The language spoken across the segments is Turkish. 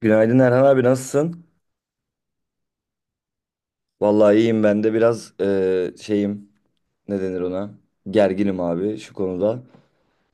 Günaydın Erhan abi, nasılsın? Vallahi iyiyim, ben de biraz şeyim, ne denir ona? Gerginim abi şu konuda.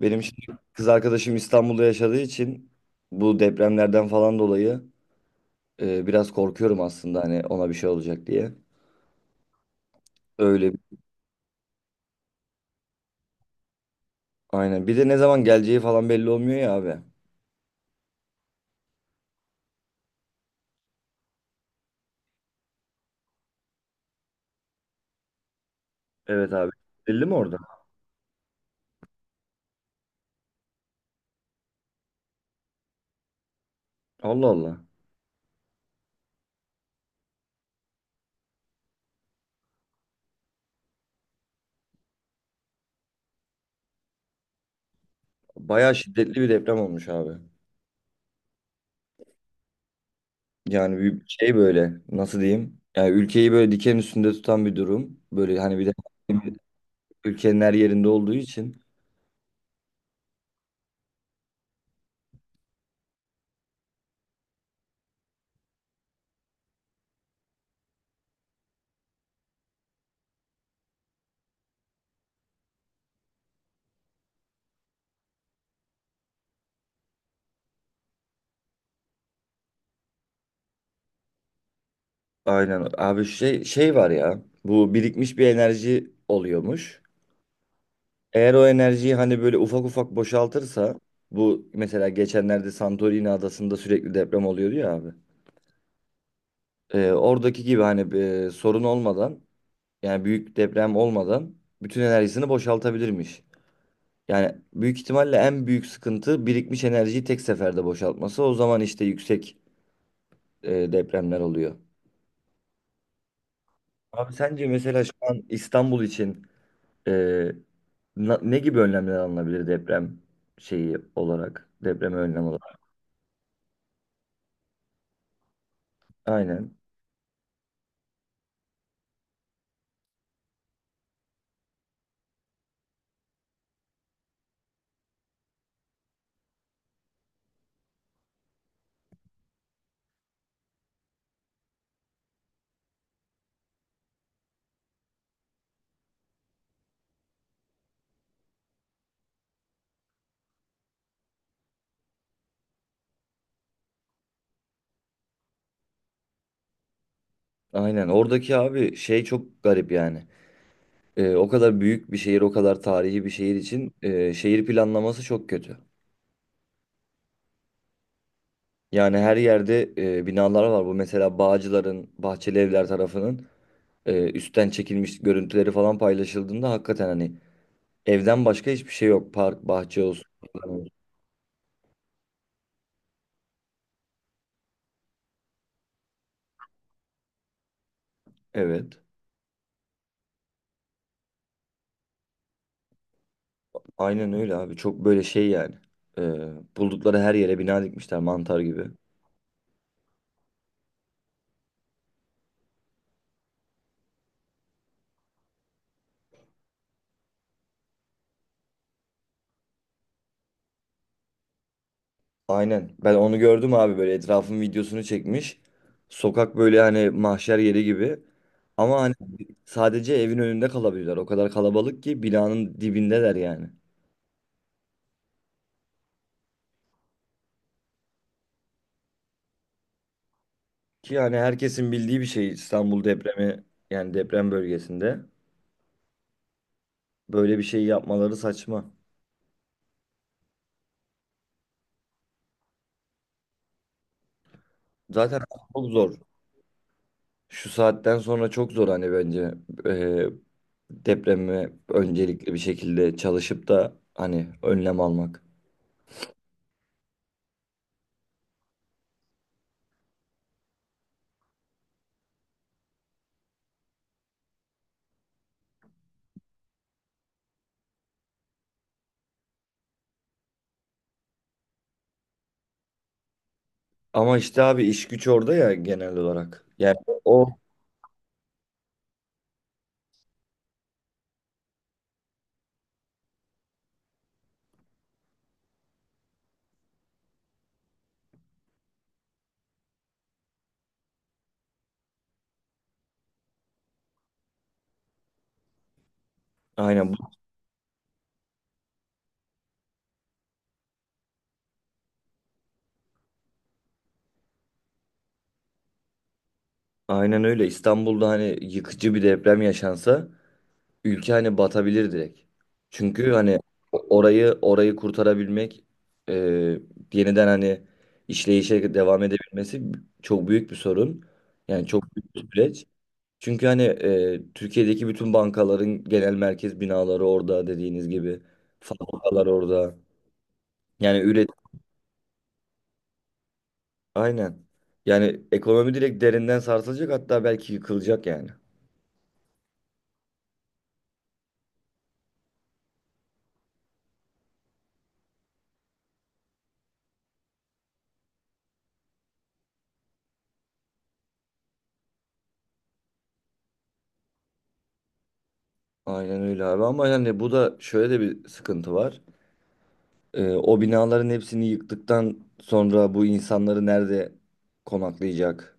Benim şimdi kız arkadaşım İstanbul'da yaşadığı için, bu depremlerden falan dolayı biraz korkuyorum aslında, hani ona bir şey olacak diye. Öyle bir- aynen. Bir de ne zaman geleceği falan belli olmuyor ya abi. Evet abi. Belli mi orada? Allah Allah. Bayağı şiddetli bir deprem olmuş abi. Yani bir şey böyle nasıl diyeyim? Yani ülkeyi böyle diken üstünde tutan bir durum. Böyle hani bir de ülkenin her yerinde olduğu için. Aynen. Abi şey var ya, bu birikmiş bir enerji oluyormuş. Eğer o enerjiyi hani böyle ufak ufak boşaltırsa, bu mesela geçenlerde Santorini adasında sürekli deprem oluyordu ya abi. Oradaki gibi hani sorun olmadan, yani büyük deprem olmadan bütün enerjisini boşaltabilirmiş. Yani büyük ihtimalle en büyük sıkıntı birikmiş enerjiyi tek seferde boşaltması. O zaman işte yüksek depremler oluyor. Abi sence mesela şu an İstanbul için Ee, ne gibi önlemler alınabilir, deprem şeyi olarak? Depreme önlem olarak. Aynen. Aynen. Oradaki abi şey çok garip yani. O kadar büyük bir şehir, o kadar tarihi bir şehir için şehir planlaması çok kötü. Yani her yerde binalar var. Bu mesela Bağcılar'ın, Bahçeli Evler tarafının üstten çekilmiş görüntüleri falan paylaşıldığında hakikaten hani evden başka hiçbir şey yok. Park, bahçe olsun. Olsun. Evet. Aynen öyle abi. Çok böyle şey yani. Ee, Buldukları her yere bina dikmişler mantar gibi. Aynen. Ben onu gördüm abi, böyle etrafın videosunu çekmiş. Sokak böyle hani mahşer yeri gibi. Ama hani sadece evin önünde kalabilirler. O kadar kalabalık ki binanın dibindeler yani. Ki yani herkesin bildiği bir şey İstanbul depremi, yani deprem bölgesinde. Böyle bir şey yapmaları saçma. Zaten çok zor. Şu saatten sonra çok zor hani bence. Ee, Depremi öncelikli bir şekilde çalışıp da hani önlem almak. Ama işte abi iş güç orada ya genel olarak. Yani o aynen bu- aynen öyle. İstanbul'da hani yıkıcı bir deprem yaşansa ülke hani batabilir direkt. Çünkü hani orayı kurtarabilmek, e, yeniden hani işleyişe devam edebilmesi çok büyük bir sorun. Yani çok büyük bir süreç. Çünkü hani Türkiye'deki bütün bankaların genel merkez binaları orada dediğiniz gibi. Fabrikalar orada. Yani üret aynen. Yani ekonomi direkt derinden sarsılacak, hatta belki yıkılacak yani. Aynen öyle abi, ama yani bu da şöyle de bir sıkıntı var. E, o binaların hepsini yıktıktan sonra bu insanları nerede konaklayacak?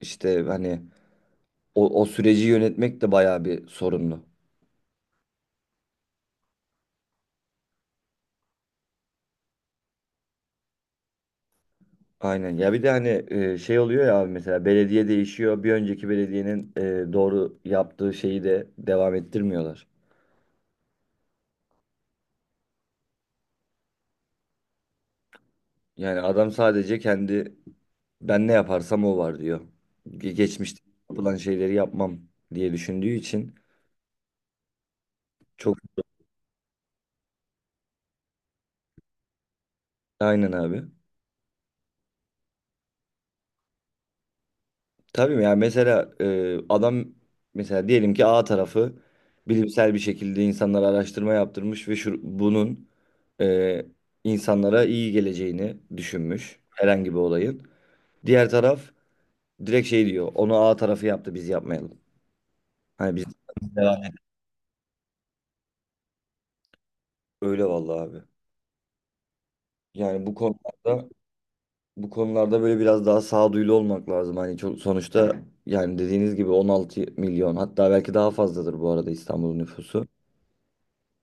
İşte hani o süreci yönetmek de bayağı bir sorunlu. Aynen. Ya bir de hani şey oluyor ya abi, mesela belediye değişiyor. Bir önceki belediyenin doğru yaptığı şeyi de devam ettirmiyorlar. Yani adam sadece kendi, ben ne yaparsam o var diyor. Geçmişte yapılan şeyleri yapmam diye düşündüğü için çok aynen abi. Tabii ya, mesela adam, mesela diyelim ki A tarafı bilimsel bir şekilde insanlara araştırma yaptırmış ve şu, bunun e, insanlara iyi geleceğini düşünmüş herhangi bir olayın. Diğer taraf direkt şey diyor, onu A tarafı yaptı biz yapmayalım. Hani biz devam edelim. Öyle vallahi abi. Yani bu konularda, böyle biraz daha sağduyulu olmak lazım. Hani çok, sonuçta yani dediğiniz gibi 16 milyon, hatta belki daha fazladır bu arada İstanbul'un nüfusu.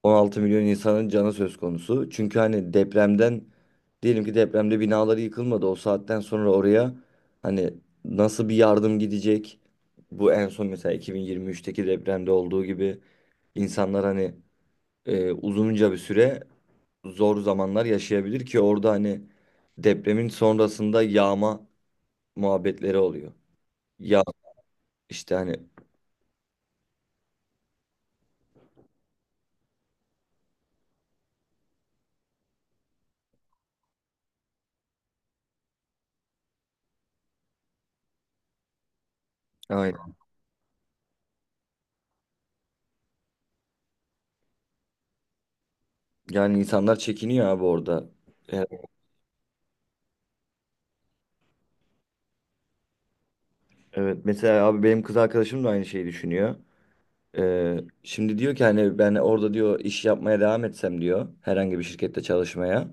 16 milyon insanın canı söz konusu. Çünkü hani depremden, diyelim ki depremde binaları yıkılmadı. O saatten sonra oraya hani nasıl bir yardım gidecek? Bu en son mesela 2023'teki depremde olduğu gibi insanlar hani uzunca bir süre zor zamanlar yaşayabilir, ki orada hani depremin sonrasında yağma muhabbetleri oluyor. Ya işte hani aynen. Yani insanlar çekiniyor abi orada. Yani evet, mesela abi benim kız arkadaşım da aynı şeyi düşünüyor. Ee, Şimdi diyor ki hani ben orada diyor iş yapmaya devam etsem diyor herhangi bir şirkette çalışmaya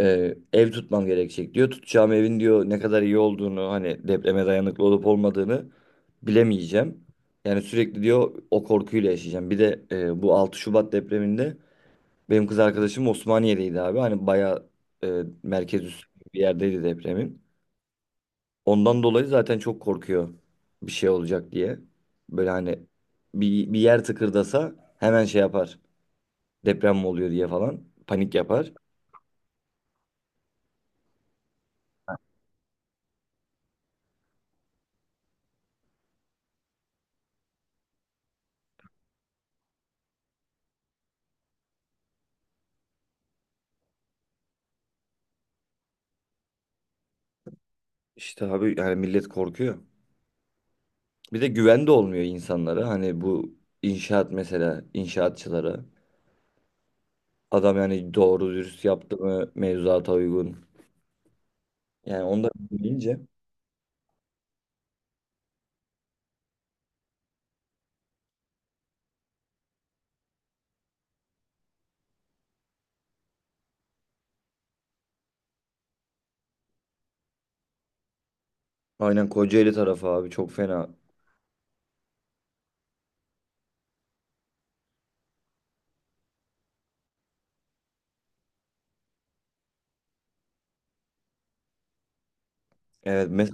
ev tutmam gerekecek diyor. Tutacağım evin diyor ne kadar iyi olduğunu, hani depreme dayanıklı olup olmadığını bilemeyeceğim. Yani sürekli diyor o korkuyla yaşayacağım. Bir de bu 6 Şubat depreminde benim kız arkadaşım Osmaniye'deydi abi. Hani bayağı merkez üstü bir yerdeydi depremin. Ondan dolayı zaten çok korkuyor bir şey olacak diye. Böyle hani bir yer tıkırdasa hemen şey yapar. Deprem mi oluyor diye falan panik yapar. İşte abi yani millet korkuyor. Bir de güven de olmuyor insanlara. Hani bu inşaat, mesela inşaatçılara. Adam yani doğru dürüst yaptı mı mevzuata uygun. Yani onu da bilince aynen Kocaeli tarafı abi çok fena. Evet mes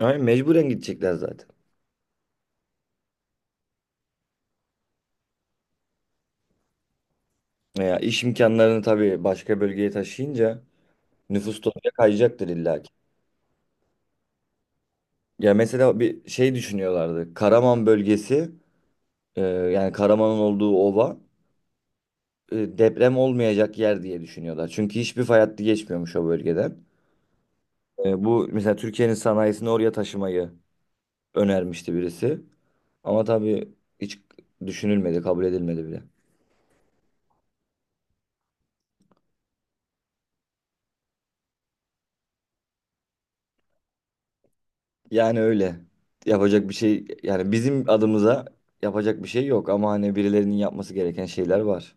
aynen mecburen gidecekler zaten. Ya iş imkanlarını tabii başka bölgeye taşıyınca nüfus da oraya kayacaktır illa ki. Ya mesela bir şey düşünüyorlardı. Karaman bölgesi, yani Karaman'ın olduğu ova deprem olmayacak yer diye düşünüyorlar. Çünkü hiçbir fay hattı geçmiyormuş o bölgeden. E, bu mesela Türkiye'nin sanayisini oraya taşımayı önermişti birisi. Ama tabii hiç düşünülmedi, kabul edilmedi bile. Yani öyle. Yapacak bir şey, yani bizim adımıza yapacak bir şey yok ama hani birilerinin yapması gereken şeyler var.